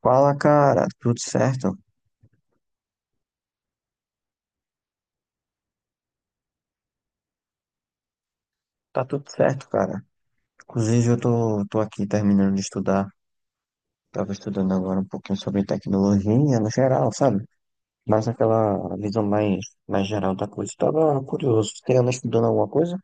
Fala, cara, tudo certo? Tá tudo certo, cara. Inclusive, eu tô aqui terminando de estudar. Tava estudando agora um pouquinho sobre tecnologia no geral, sabe? Mas aquela mais geral da coisa. Tava curioso. Você anda estudando alguma coisa?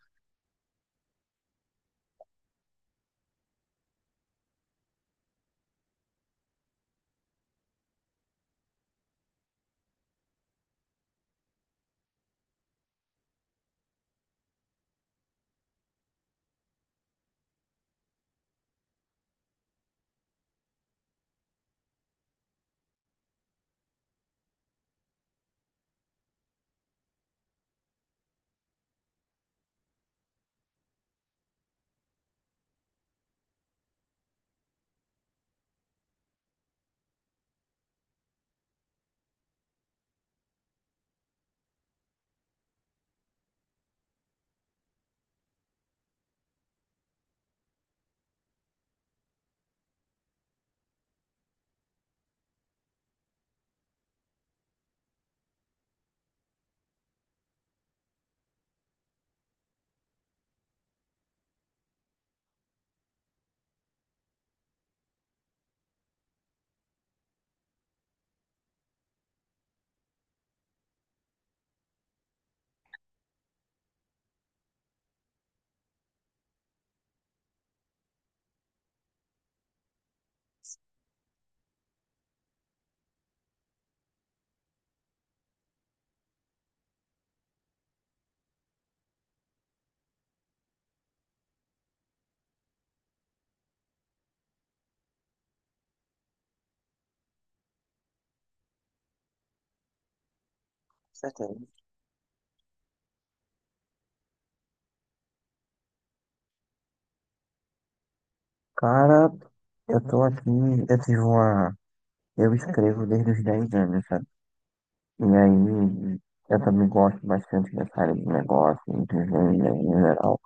Certeza. Cara, eu tô aqui, eu tive uma. Eu escrevo desde os 10 anos, sabe? E aí, eu também gosto bastante dessa área de negócio, inteligência em geral.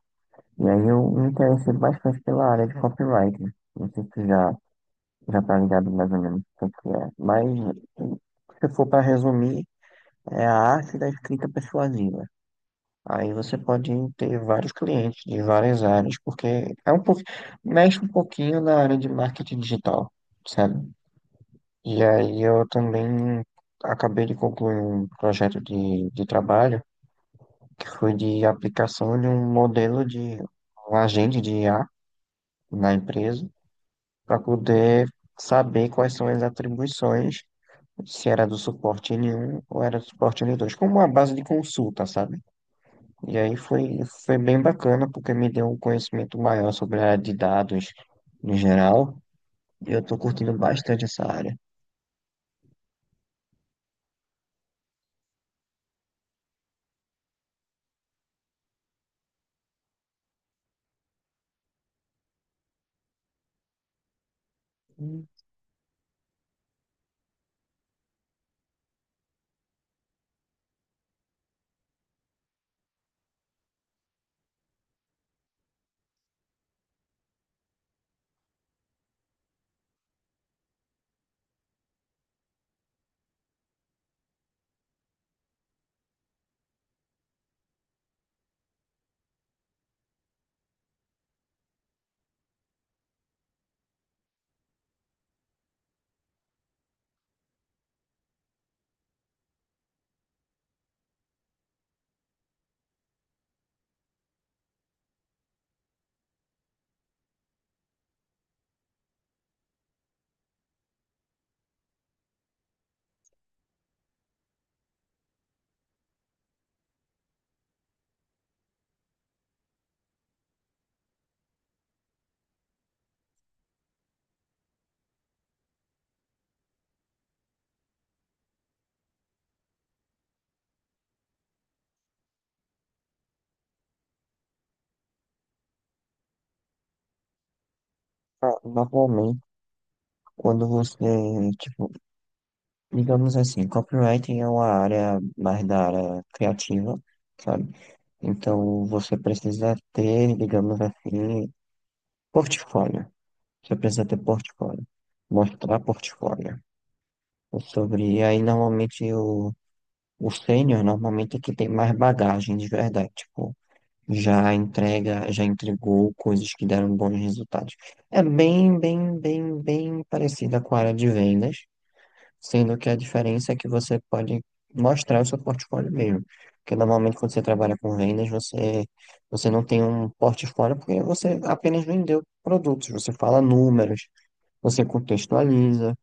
E aí eu me interessei bastante pela área de copyright. Não sei se já tá ligado mais ou menos o que que é. Mas se for para resumir, é a arte da escrita persuasiva. Aí você pode ter vários clientes de várias áreas, porque mexe um pouquinho na área de marketing digital, sabe? E aí eu também acabei de concluir um projeto de trabalho que foi de aplicação de um modelo de um agente de IA na empresa para poder saber quais são as atribuições, se era do suporte N1 ou era do suporte N2 como uma base de consulta, sabe? E aí foi bem bacana, porque me deu um conhecimento maior sobre a área de dados no geral, e eu tô curtindo bastante essa área. Ah, normalmente, quando você, tipo, copywriting é uma área mais da área criativa, sabe? Então, você precisa ter, digamos assim, portfólio. Você precisa ter portfólio. Mostrar portfólio. Aí normalmente o sênior normalmente é que tem mais bagagem de verdade. Tipo, já entregou coisas que deram bons resultados. É bem parecida com a área de vendas, sendo que a diferença é que você pode mostrar o seu portfólio mesmo. Porque normalmente quando você trabalha com vendas, você não tem um portfólio porque você apenas vendeu produtos, você fala números, você contextualiza,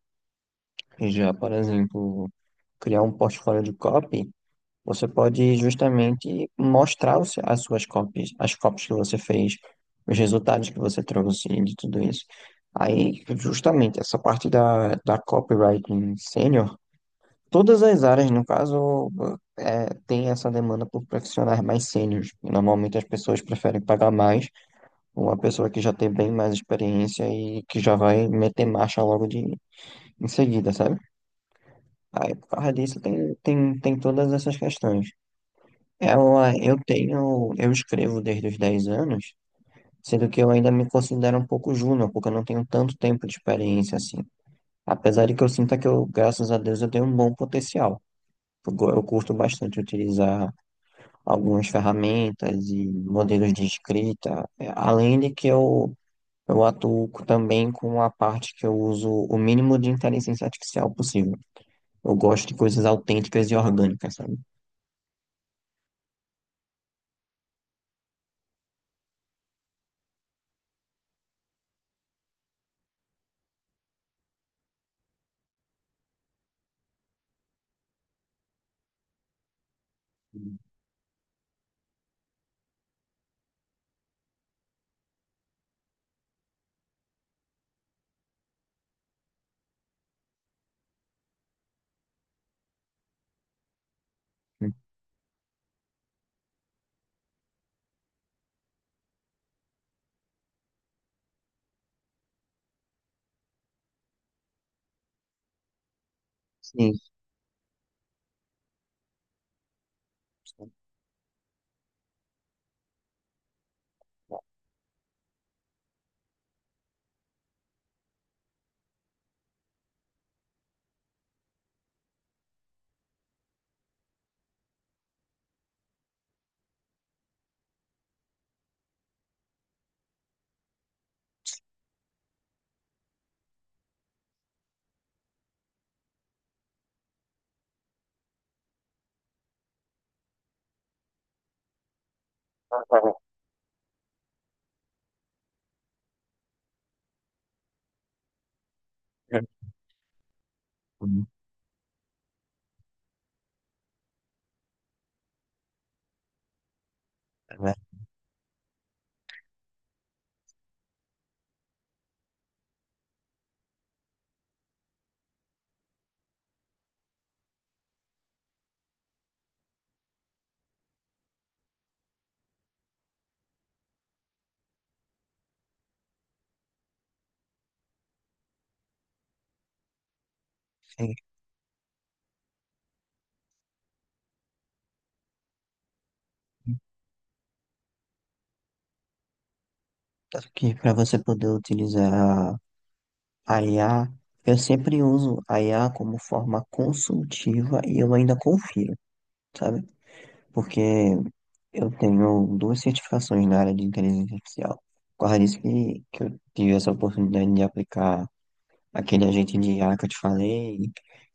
e já, por exemplo, criar um portfólio de copy, você pode justamente mostrar o se- as suas copies, as copies que você fez, os resultados que você trouxe de tudo isso. Aí, justamente, essa parte da copywriting sênior, todas as áreas, no caso, é, tem essa demanda por profissionais mais sêniores. E, normalmente as pessoas preferem pagar mais uma pessoa que já tem bem mais experiência e que já vai meter marcha logo de em seguida, sabe? Aí, por causa disso, tem todas essas questões. Eu, ah, eu tenho, eu escrevo desde os 10 anos, sendo que eu ainda me considero um pouco júnior, porque eu não tenho tanto tempo de experiência assim. Apesar de que eu sinta que eu, graças a Deus, eu tenho um bom potencial. Eu curto bastante utilizar algumas ferramentas e modelos de escrita. É, além de eu atuo também com a parte que eu uso o mínimo de inteligência artificial possível. Eu gosto de coisas autênticas e orgânicas, sabe? Sim. Tanto que para você poder utilizar a I a IA, eu sempre uso a IA como forma consultiva e eu ainda confio, sabe? Porque eu tenho duas certificações na área de inteligência artificial. Por causa disso que eu tive essa oportunidade de aplicar aquele agente de IA que eu te falei,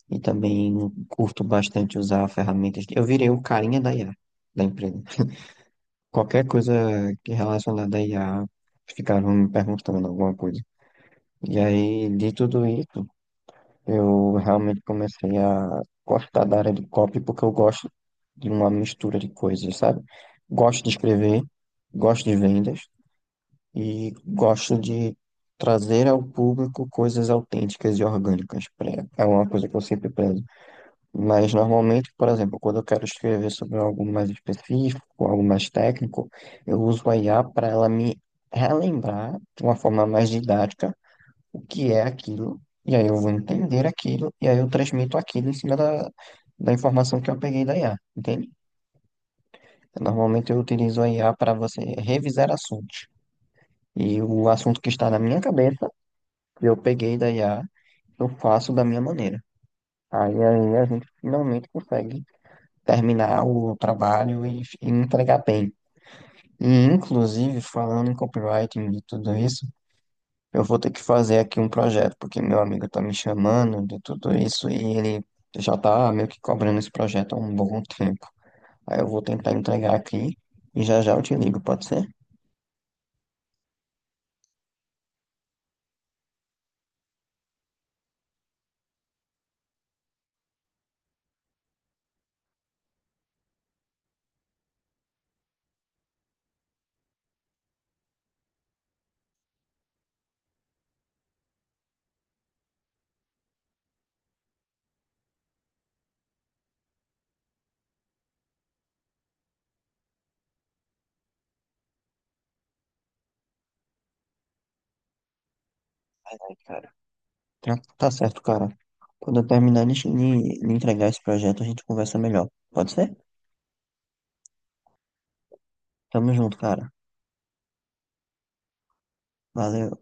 e também curto bastante usar ferramentas. Eu virei o carinha da IA, da empresa. Qualquer coisa que relacionada à IA, ficaram me perguntando alguma coisa. E aí, de tudo isso, eu realmente comecei a gostar da área de copy porque eu gosto de uma mistura de coisas, sabe? Gosto de escrever, gosto de vendas, e gosto de trazer ao público coisas autênticas e orgânicas. É uma coisa que eu sempre prezo. Mas normalmente, por exemplo, quando eu quero escrever sobre algo mais específico, algo mais técnico, eu uso a IA para ela me relembrar de uma forma mais didática o que é aquilo, e aí eu vou entender aquilo, e aí eu transmito aquilo em cima da informação que eu peguei da IA, entende? Normalmente eu utilizo a IA para você revisar assuntos. E o assunto que está na minha cabeça, eu peguei da IA, eu faço da minha maneira. Aí a gente finalmente consegue terminar o trabalho e entregar bem. E, inclusive, falando em copywriting e tudo isso, eu vou ter que fazer aqui um projeto, porque meu amigo tá me chamando de tudo isso e ele já tá meio que cobrando esse projeto há um bom tempo. Aí eu vou tentar entregar aqui e já já eu te ligo, pode ser? Ai, cara. Tá certo, cara. Quando eu terminar de entregar esse projeto, a gente conversa melhor. Pode ser? Tamo junto, cara. Valeu.